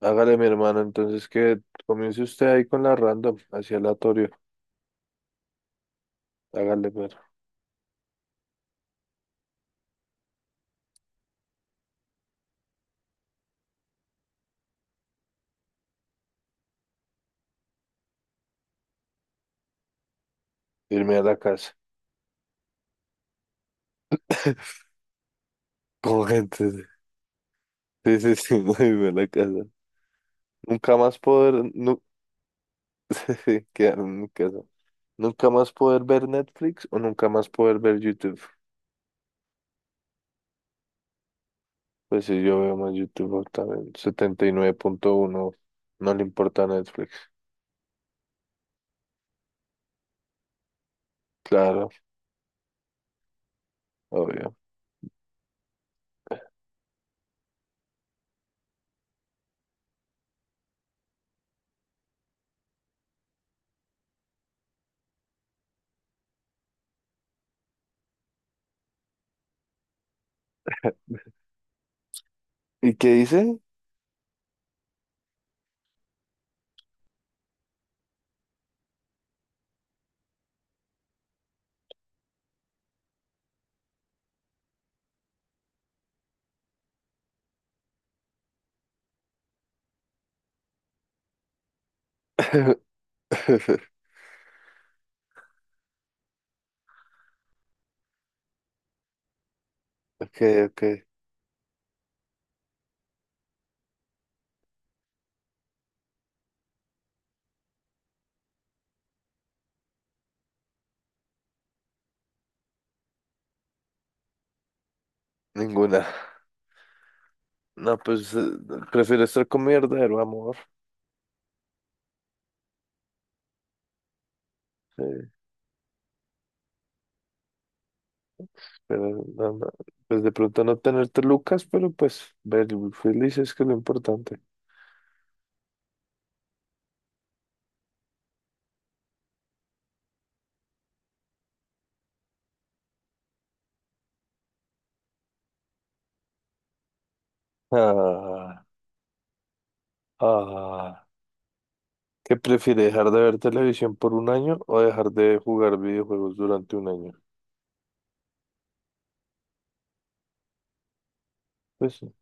Hágale, mi hermano, entonces que comience usted ahí con la random, hacia aleatorio. Hágale, pero irme a la casa. Con gente. Sí, sí, sí, no irme a la casa. Nunca más poder, nu quedarme en mi casa. Nunca más poder ver Netflix o nunca más poder ver YouTube. Pues sí, yo veo más YouTube también. 79,1. No le importa Netflix. Claro, obvio. ¿Y qué dice? Ok, ok. Ninguna. No, pues prefiero estar con mi verdadero amor. Sí, pero no, no, pues de pronto no tenerte Lucas, pero pues ver felices que es lo importante. Ah, ah. ¿Qué prefiere, dejar de ver televisión por un año o dejar de jugar videojuegos durante un año? Pues, sí.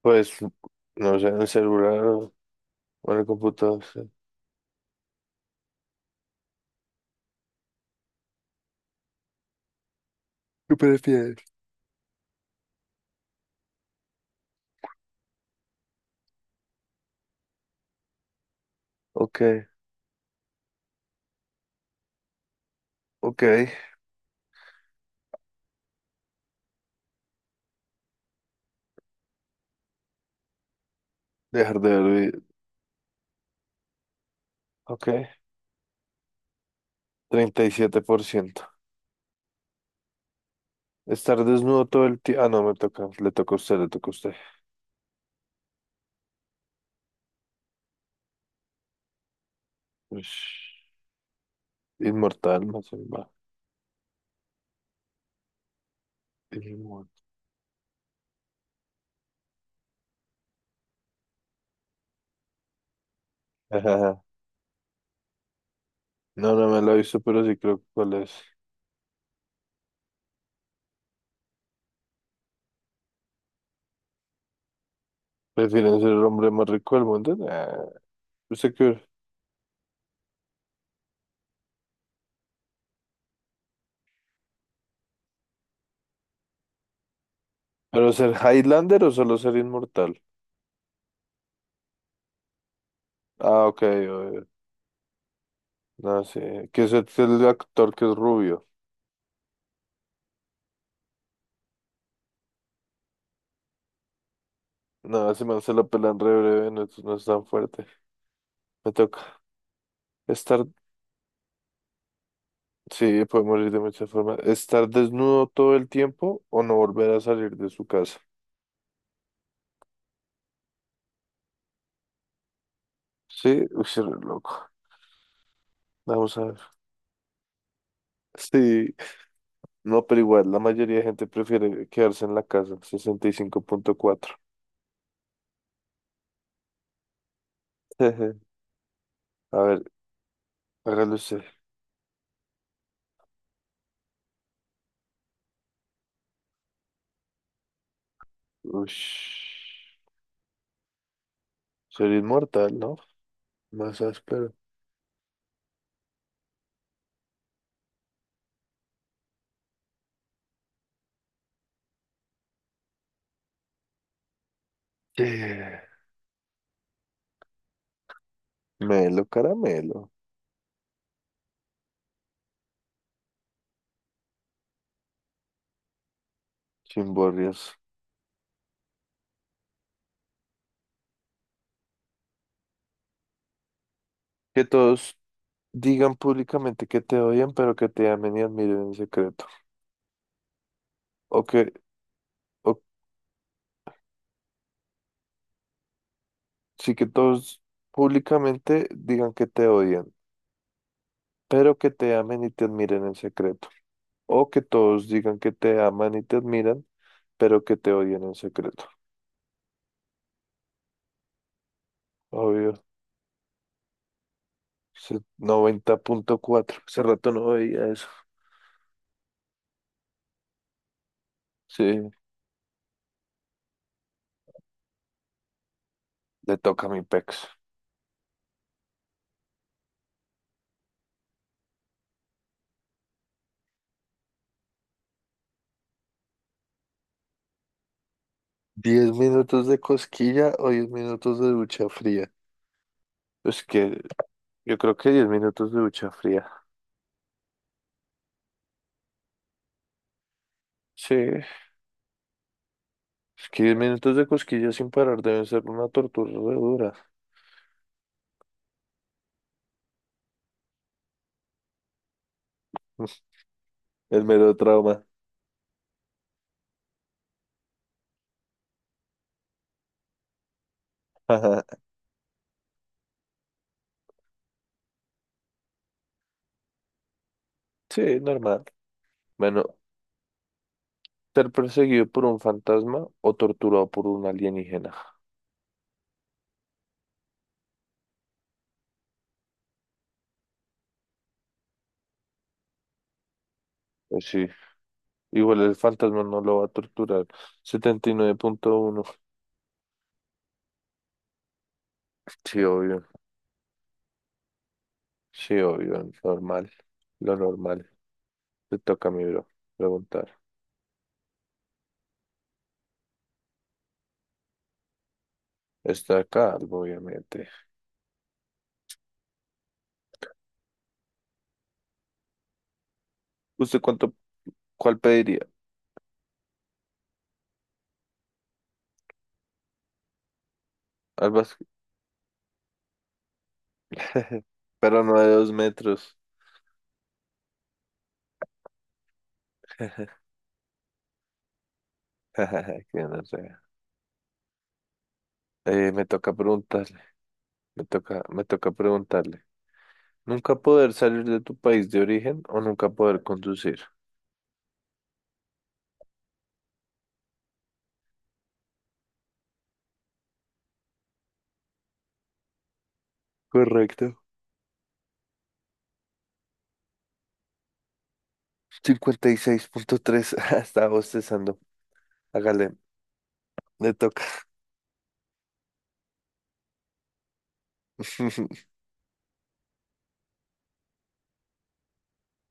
Pues no sé, en el celular o en el computador. Sí. ¿Qué prefieres? Ok, ok, dejar de ver. Ok, 37%. Estar desnudo todo el tiempo. Ah, no, me toca. Le toca a usted, le toca a usted. Ush, inmortal, no sé, va. Inmortal. Ajá. No, no me lo he visto, pero sí creo que cuál es. ¿Prefieren ser el hombre más rico del mundo? Nah. ¿Usted qué? ¿Pero ser Highlander o solo ser inmortal? Ah, ok, obvio. No, sí. Que es el actor que es rubio. No, ese man se lo pelan re breve, no, no es tan fuerte. Me toca estar. Sí, puede morir de muchas formas. ¿Estar desnudo todo el tiempo o no volver a salir de su casa? Sí, uy, sí, re loco. Vamos a ver. Sí, no, pero igual, la mayoría de gente prefiere quedarse en la casa, 65,4. Jeje. A ver, hágalo usted. Uy, sería inmortal, ¿no? Más áspero. Eh, Melo, caramelo, chimborrias. Que todos digan públicamente que te odian, pero que te amen y admiren en secreto. O que, o sí que todos públicamente digan que te odian, pero que te amen y te admiren en secreto. O que todos digan que te aman y te admiran, pero que te odian en secreto. Obvio. 90,4. Hace rato no veía eso. Sí, le toca a mi pex. 10 minutos de cosquilla o 10 minutos de ducha fría. Es que yo creo que 10 minutos de ducha fría. Sí, es que 10 minutos de cosquilla sin parar deben ser una tortura re dura. El mero trauma. Sí, normal. Bueno, ser perseguido por un fantasma o torturado por un alienígena. Pues sí. Igual el fantasma no lo va a torturar. 79,1. Sí, obvio. Sí, obvio. Normal. Lo normal. Te toca a mi bro preguntar. Está acá, obviamente. ¿Usted cuánto, cuál pediría? Al básquet. Pero no de 2 metros. Que no sé. Me toca preguntarle. Me toca preguntarle. ¿Nunca poder salir de tu país de origen o nunca poder conducir? Correcto. 56,3. Estaba bostezando. Hágale. Le toca.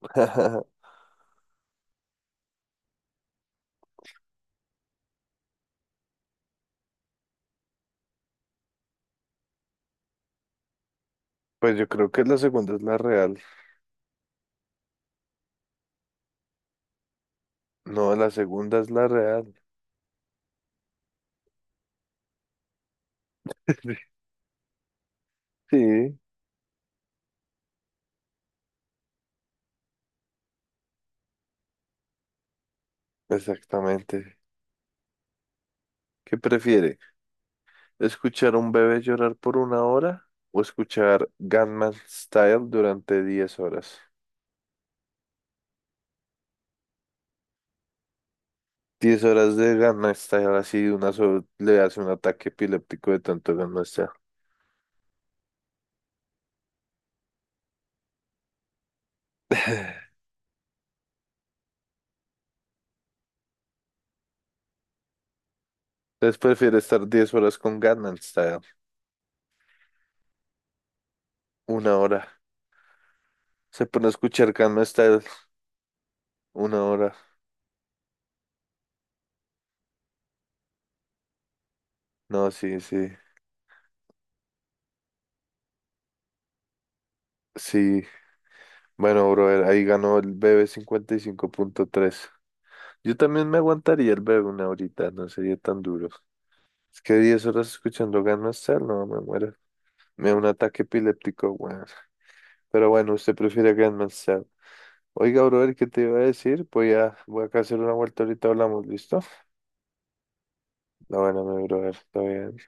Pues yo creo que la segunda es la real. No, la segunda es la real. Sí, exactamente. ¿Qué prefiere? ¿Escuchar a un bebé llorar por una hora o escuchar Gangnam Style durante 10 horas? 10 horas de Gangnam Style así de una sola le hace un ataque epiléptico de tanto Gangnam Style. Entonces prefiere estar 10 horas con Gangnam Style. Una hora. Se pone a escuchar Gangnam Style una hora. No, sí, sí. Sí, bueno, brother, ahí ganó el B B 55,3. Yo también me aguantaría el BB una horita, no sería tan duro. Es que 10 horas escuchando Gangnam Style, no, me muero. Me da un ataque epiléptico, weón. Pero bueno, usted prefiere Gangnam Style. Oiga, brother, ¿qué te iba a decir? Voy acá a hacer una vuelta ahorita, hablamos, ¿listo? La buena, mi brother, está bien.